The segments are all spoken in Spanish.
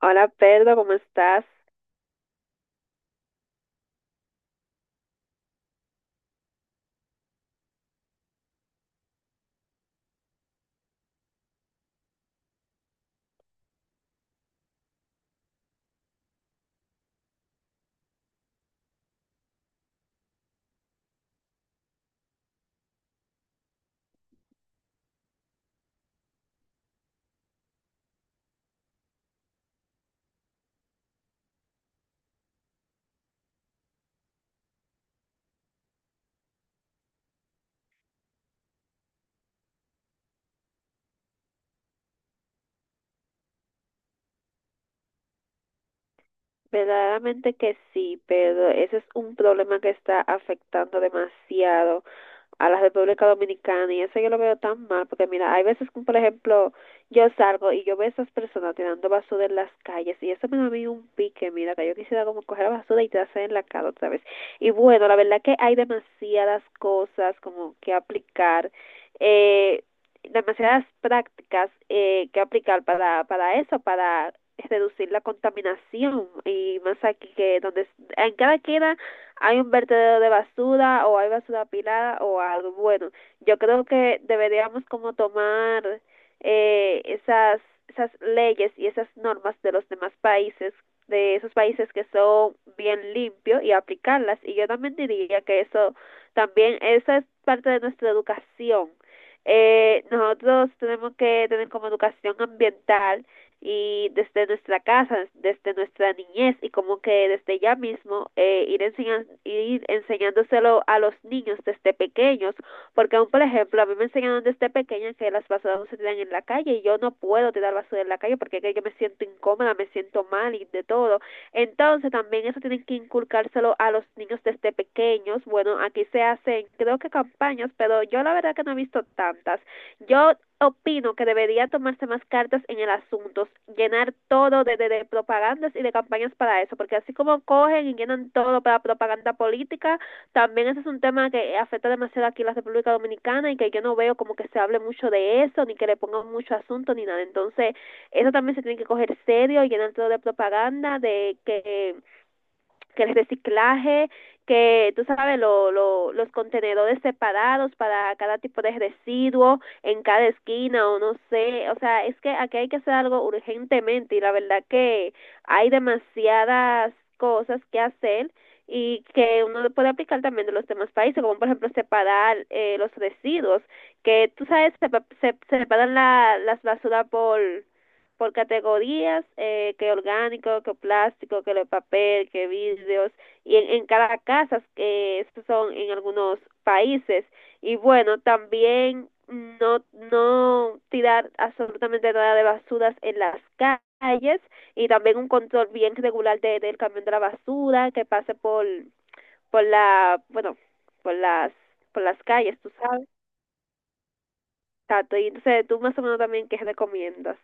Hola, Pedro, ¿cómo estás? Verdaderamente que sí, Pedro. Ese es un problema que está afectando demasiado a la República Dominicana, y eso yo lo veo tan mal porque mira, hay veces que, por ejemplo, yo salgo y yo veo a esas personas tirando basura en las calles y eso me da a mí un pique, mira, que yo quisiera como coger la basura y tirarse en la cara otra vez. Y bueno, la verdad que hay demasiadas cosas como que aplicar. Eh, Demasiadas prácticas que aplicar para eso, para reducir la contaminación y más aquí que donde en cada queda hay un vertedero de basura o hay basura apilada o algo bueno. Yo creo que deberíamos como tomar eh, esas esas leyes y esas normas de los demás países, de esos países que son bien limpios, y aplicarlas. Y yo también diría que eso también esa es parte de nuestra educación. Nosotros tenemos que tener como educación ambiental y desde nuestra casa, desde nuestra niñez, y como que desde ya mismo ir, enseñan, ir enseñándoselo a los niños desde pequeños, porque aún por ejemplo a mí me enseñaron desde pequeña que las basuras no se tiran en la calle, y yo no puedo tirar basura en la calle porque es que yo me siento incómoda, me siento mal y de todo. Entonces también eso tienen que inculcárselo a los niños desde pequeños. Bueno, aquí se hacen creo que campañas, pero yo la verdad que no he visto tantas. Yo opino que debería tomarse más cartas en el asunto, llenar todo de propagandas y de campañas para eso, porque así como cogen y llenan todo para propaganda política, también ese es un tema que afecta demasiado aquí en la República Dominicana y que yo no veo como que se hable mucho de eso, ni que le pongan mucho asunto, ni nada. Entonces, eso también se tiene que coger serio, y llenar todo de propaganda, de que el reciclaje, que tú sabes, los contenedores separados para cada tipo de residuo en cada esquina o no sé, o sea, es que aquí hay que hacer algo urgentemente, y la verdad que hay demasiadas cosas que hacer y que uno puede aplicar también de los demás países, como por ejemplo separar los residuos, que tú sabes, se separan las basuras por categorías, que orgánico, que plástico, que de papel, que vidrios, y en cada casa, que estos son en algunos países. Y bueno, también no, no tirar absolutamente nada de basuras en las calles, y también un control bien regular del camión de la basura que pase por la, bueno, por las, por las calles, tú sabes. Tato, y entonces tú más o menos también qué recomiendas.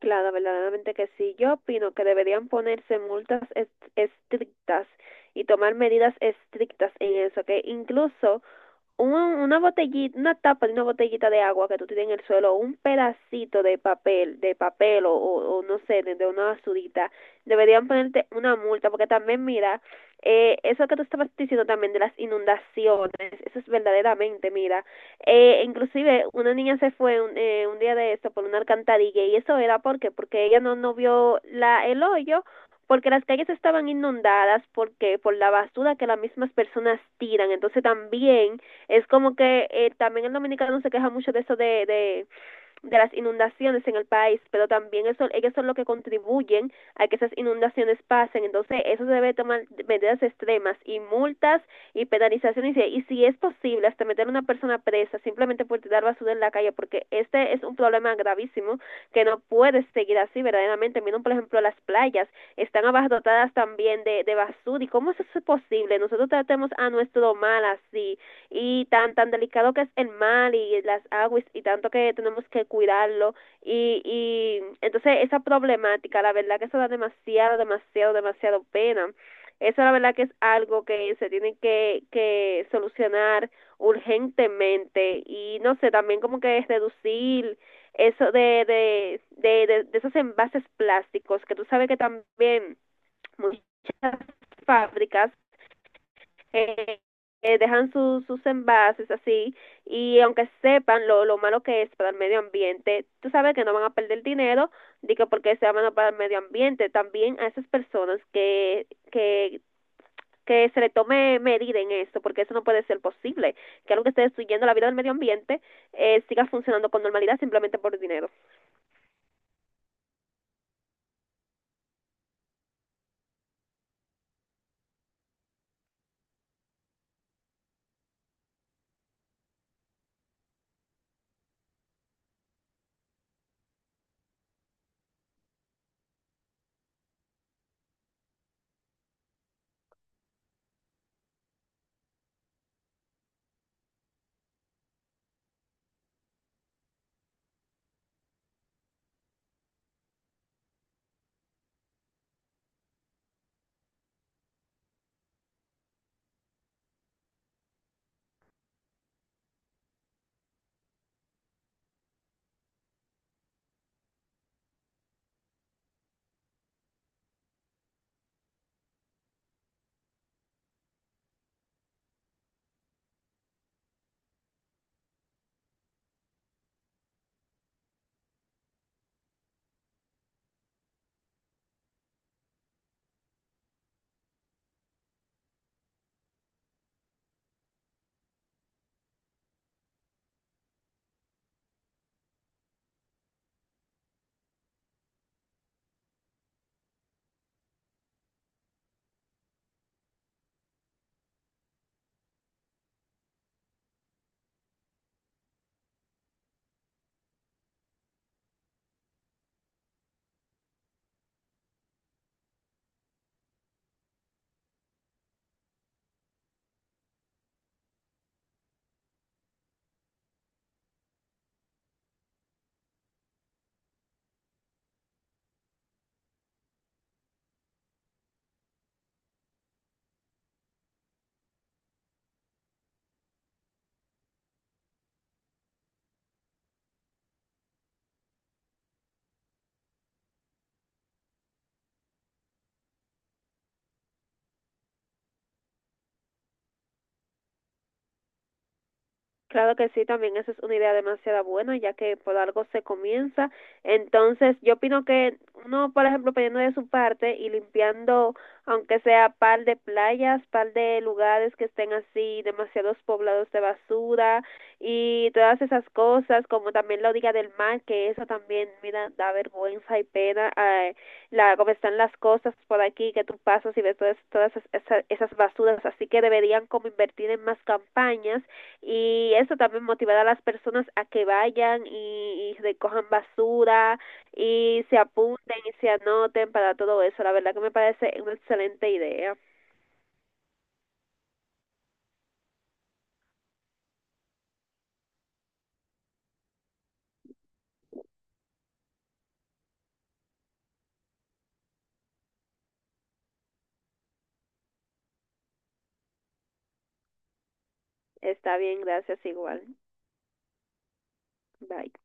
Claro, verdaderamente que sí. Yo opino que deberían ponerse multas estrictas y tomar medidas estrictas en eso, que incluso una botellita, una tapa de una botellita de agua que tú tienes en el suelo, un pedacito de papel, de papel o no sé, de una basurita, deberían ponerte una multa, porque también mira, eso que tú estabas diciendo también de las inundaciones, eso es verdaderamente, mira, inclusive una niña se fue un día de esto por una alcantarilla y eso era porque, porque ella no vio la, el hoyo. Porque las calles estaban inundadas, porque por la basura que las mismas personas tiran. Entonces también es como que también el dominicano se queja mucho de eso de de las inundaciones en el país, pero también eso, ellos son los que contribuyen a que esas inundaciones pasen. Entonces, eso se debe tomar medidas extremas, y multas y penalizaciones. Y si es posible, hasta meter a una persona presa simplemente por tirar basura en la calle, porque este es un problema gravísimo que no puede seguir así verdaderamente. Miren, por ejemplo, las playas están abarrotadas también de basura. ¿Y cómo eso es posible? Nosotros tratemos a nuestro mal así, y tan tan delicado que es el mar y las aguas y tanto que tenemos que cuidarlo, y entonces esa problemática la verdad que eso da demasiado demasiado demasiado pena. Eso la verdad que es algo que se tiene que solucionar urgentemente. Y no sé, también como que es reducir eso de de esos envases plásticos, que tú sabes que también muchas fábricas eh, dejan sus envases así, y aunque sepan lo malo que es para el medio ambiente, tú sabes que no van a perder dinero, digo porque sea malo para el medio ambiente. También a esas personas que, que se le tome medida en esto, porque eso no puede ser posible, que algo que esté destruyendo la vida del medio ambiente siga funcionando con normalidad simplemente por dinero. Claro que sí, también esa es una idea demasiado buena, ya que por algo se comienza. Entonces, yo opino que uno, por ejemplo, poniendo de su parte y limpiando, aunque sea par de playas, par de lugares que estén así, demasiados poblados de basura, y todas esas cosas, como también la orilla del mar, que eso también, mira, da vergüenza y pena, la, como están las cosas por aquí, que tú pasas y ves todas esas, esas basuras, así que deberían como invertir en más campañas, y eso también motivará a las personas a que vayan y recojan basura y se apunten y se anoten para todo eso. La verdad que me parece una excelente idea. Está bien, gracias igual. Bye.